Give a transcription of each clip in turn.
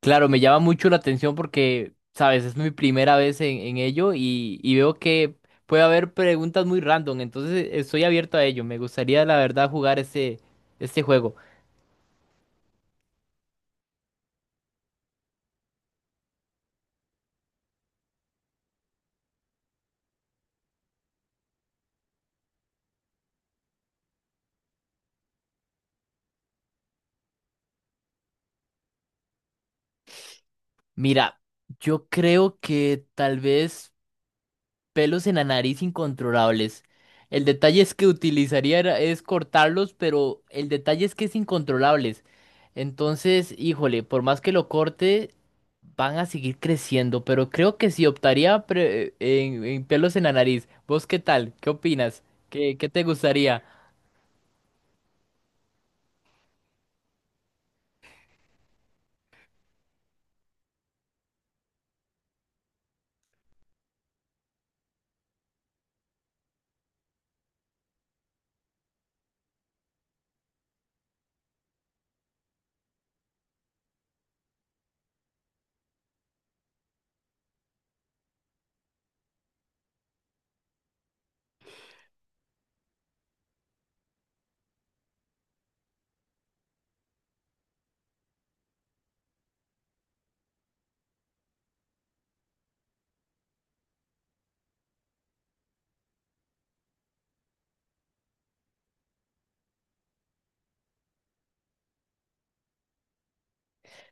Claro, me llama mucho la atención porque, sabes, es mi primera vez en ello y veo que puede haber preguntas muy random. Entonces estoy abierto a ello. Me gustaría, la verdad, jugar este juego. Mira, yo creo que tal vez pelos en la nariz incontrolables. El detalle es que es cortarlos, pero el detalle es que es incontrolables. Entonces, híjole, por más que lo corte, van a seguir creciendo, pero creo que sí en pelos en la nariz. ¿Vos qué tal? ¿Qué opinas? ¿Qué te gustaría?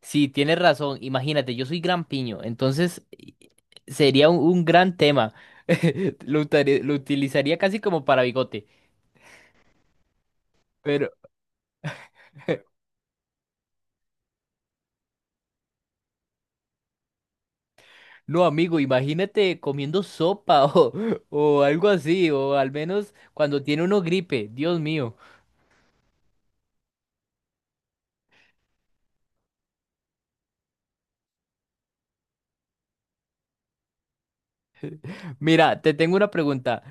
Sí, tienes razón. Imagínate, yo soy gran piño, sería un gran tema. Lo utilizaría casi como para bigote. No, amigo, imagínate comiendo sopa o algo así, o al menos cuando tiene uno gripe, Dios mío. Mira, te tengo una pregunta.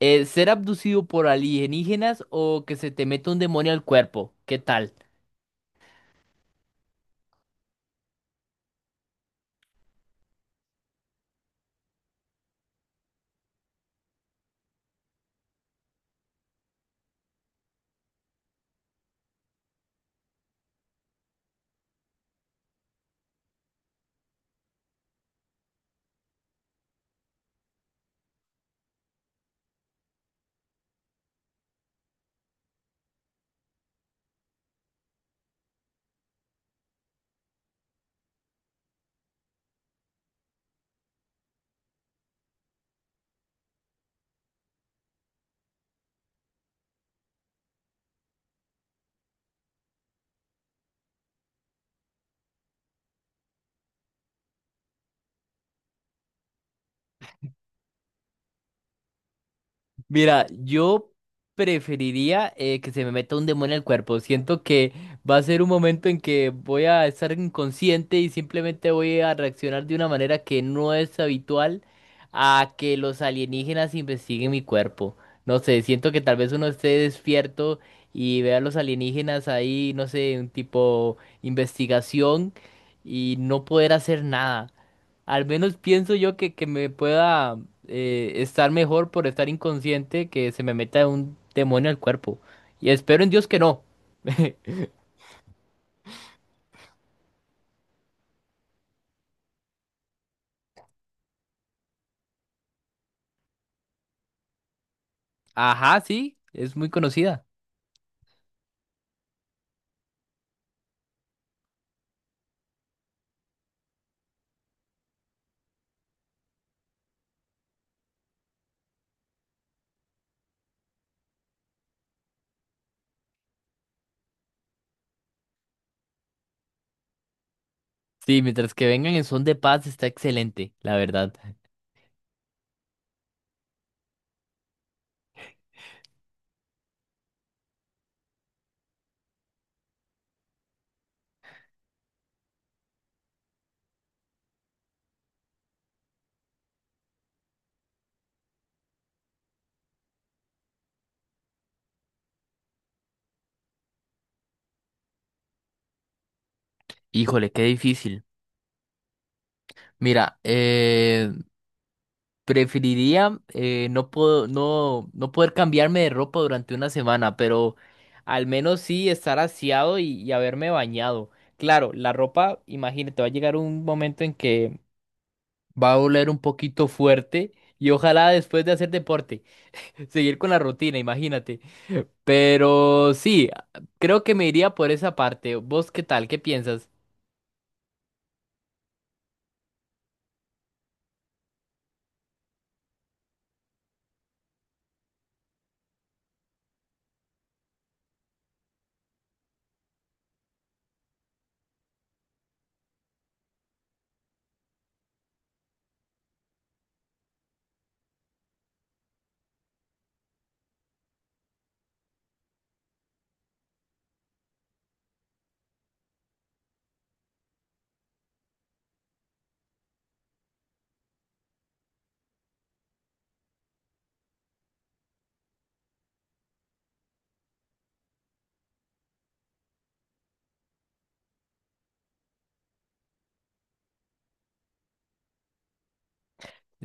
¿ser abducido por alienígenas o que se te meta un demonio al cuerpo? ¿Qué tal? Mira, yo preferiría que se me meta un demonio al cuerpo. Siento que va a ser un momento en que voy a estar inconsciente y simplemente voy a reaccionar de una manera que no es habitual a que los alienígenas investiguen mi cuerpo. No sé, siento que tal vez uno esté despierto y vea a los alienígenas ahí, no sé, un tipo investigación y no poder hacer nada. Al menos pienso yo que me pueda estar mejor por estar inconsciente que se me meta un demonio al cuerpo. Y espero en Dios que no. Ajá, sí, es muy conocida. Sí, mientras que vengan en son de paz está excelente, la verdad. Híjole, qué difícil. Mira, preferiría no puedo, no, no poder cambiarme de ropa durante una semana, pero al menos sí estar aseado y haberme bañado. Claro, la ropa, imagínate, va a llegar un momento en que va a doler un poquito fuerte y ojalá después de hacer deporte, seguir con la rutina, imagínate. Pero sí, creo que me iría por esa parte. ¿Vos qué tal? ¿Qué piensas?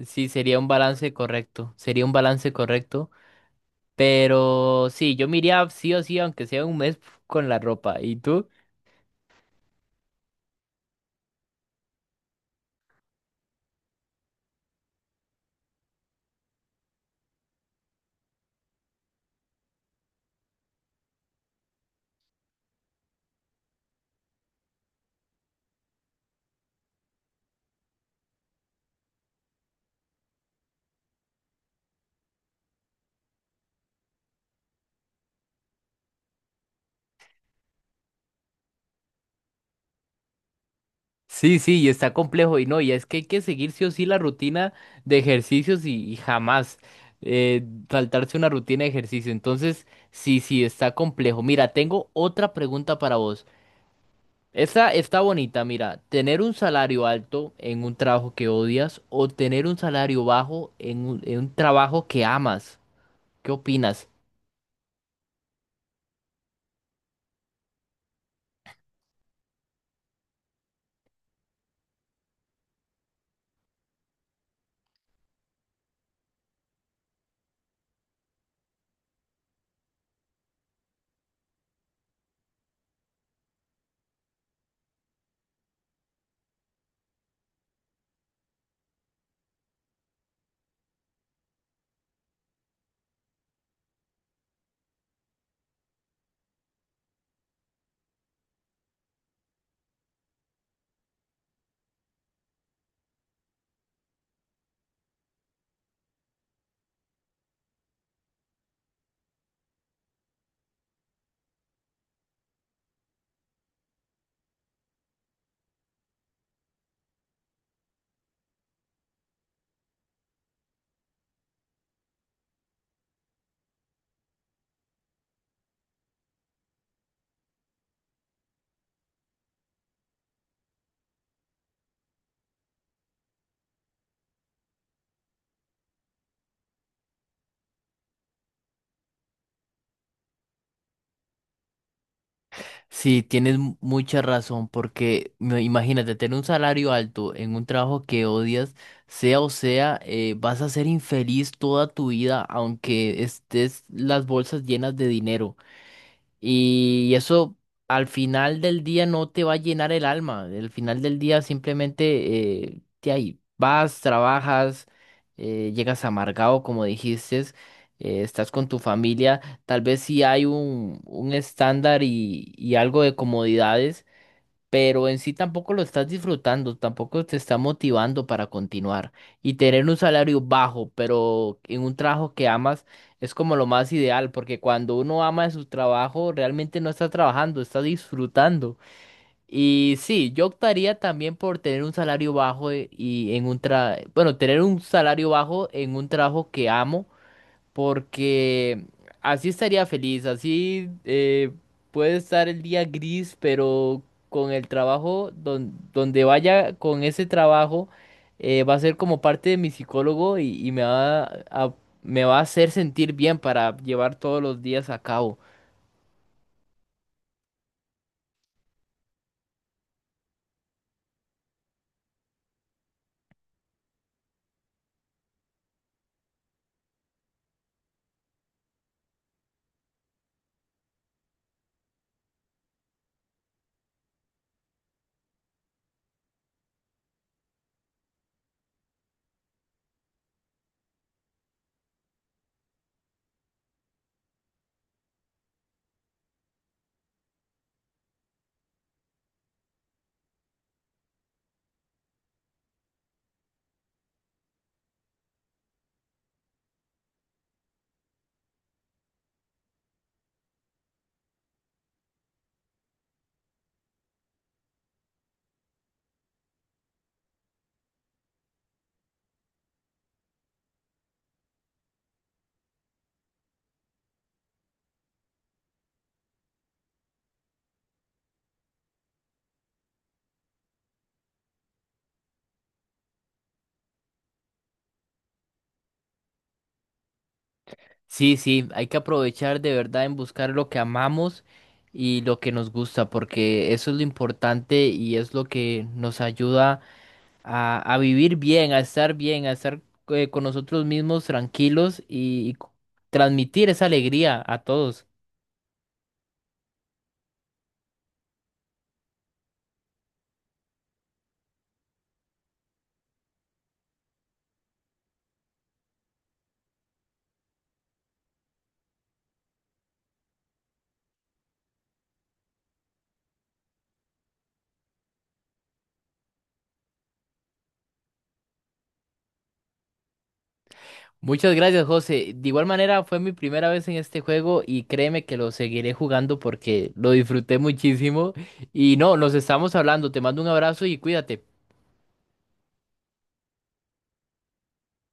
Sí, sería un balance correcto, sería un balance correcto. Pero sí, yo me iría sí o sí, aunque sea un mes con la ropa. ¿Y tú? Sí, sí, y está complejo y no, y es que hay que seguir sí o sí la rutina de ejercicios y jamás saltarse una rutina de ejercicio. Entonces, sí, sí, está complejo. Mira, tengo otra pregunta para vos. Esa está bonita. Mira, tener un salario alto en un trabajo que odias o tener un salario bajo en un trabajo que amas. ¿Qué opinas? Sí, tienes mucha razón, porque imagínate tener un salario alto en un trabajo que odias, vas a ser infeliz toda tu vida, aunque estés las bolsas llenas de dinero. Y eso al final del día no te va a llenar el alma. Al final del día simplemente te ahí vas, trabajas, llegas amargado, como dijiste, estás con tu familia. Tal vez si hay un estándar y algo de comodidades, pero en sí tampoco lo estás disfrutando, tampoco te está motivando para continuar. Y tener un salario bajo, pero en un trabajo que amas, es como lo más ideal, porque cuando uno ama su trabajo, realmente no está trabajando, está disfrutando. Y sí, yo optaría también por tener un salario bajo bueno, tener un salario bajo en un trabajo que amo, porque así estaría feliz. Así puede estar el día gris, pero con el trabajo, donde vaya con ese trabajo, va a ser como parte de mi psicólogo y a, me va a hacer sentir bien para llevar todos los días a cabo. Sí, sí, hay que aprovechar de verdad en buscar lo que amamos y lo que nos gusta, porque eso es lo importante y es lo que nos ayuda a vivir bien, a estar con nosotros mismos tranquilos y transmitir esa alegría a todos. Muchas gracias, José. De igual manera, fue mi primera vez en este juego y créeme que lo seguiré jugando porque lo disfruté muchísimo. Y no, nos estamos hablando. Te mando un abrazo y cuídate.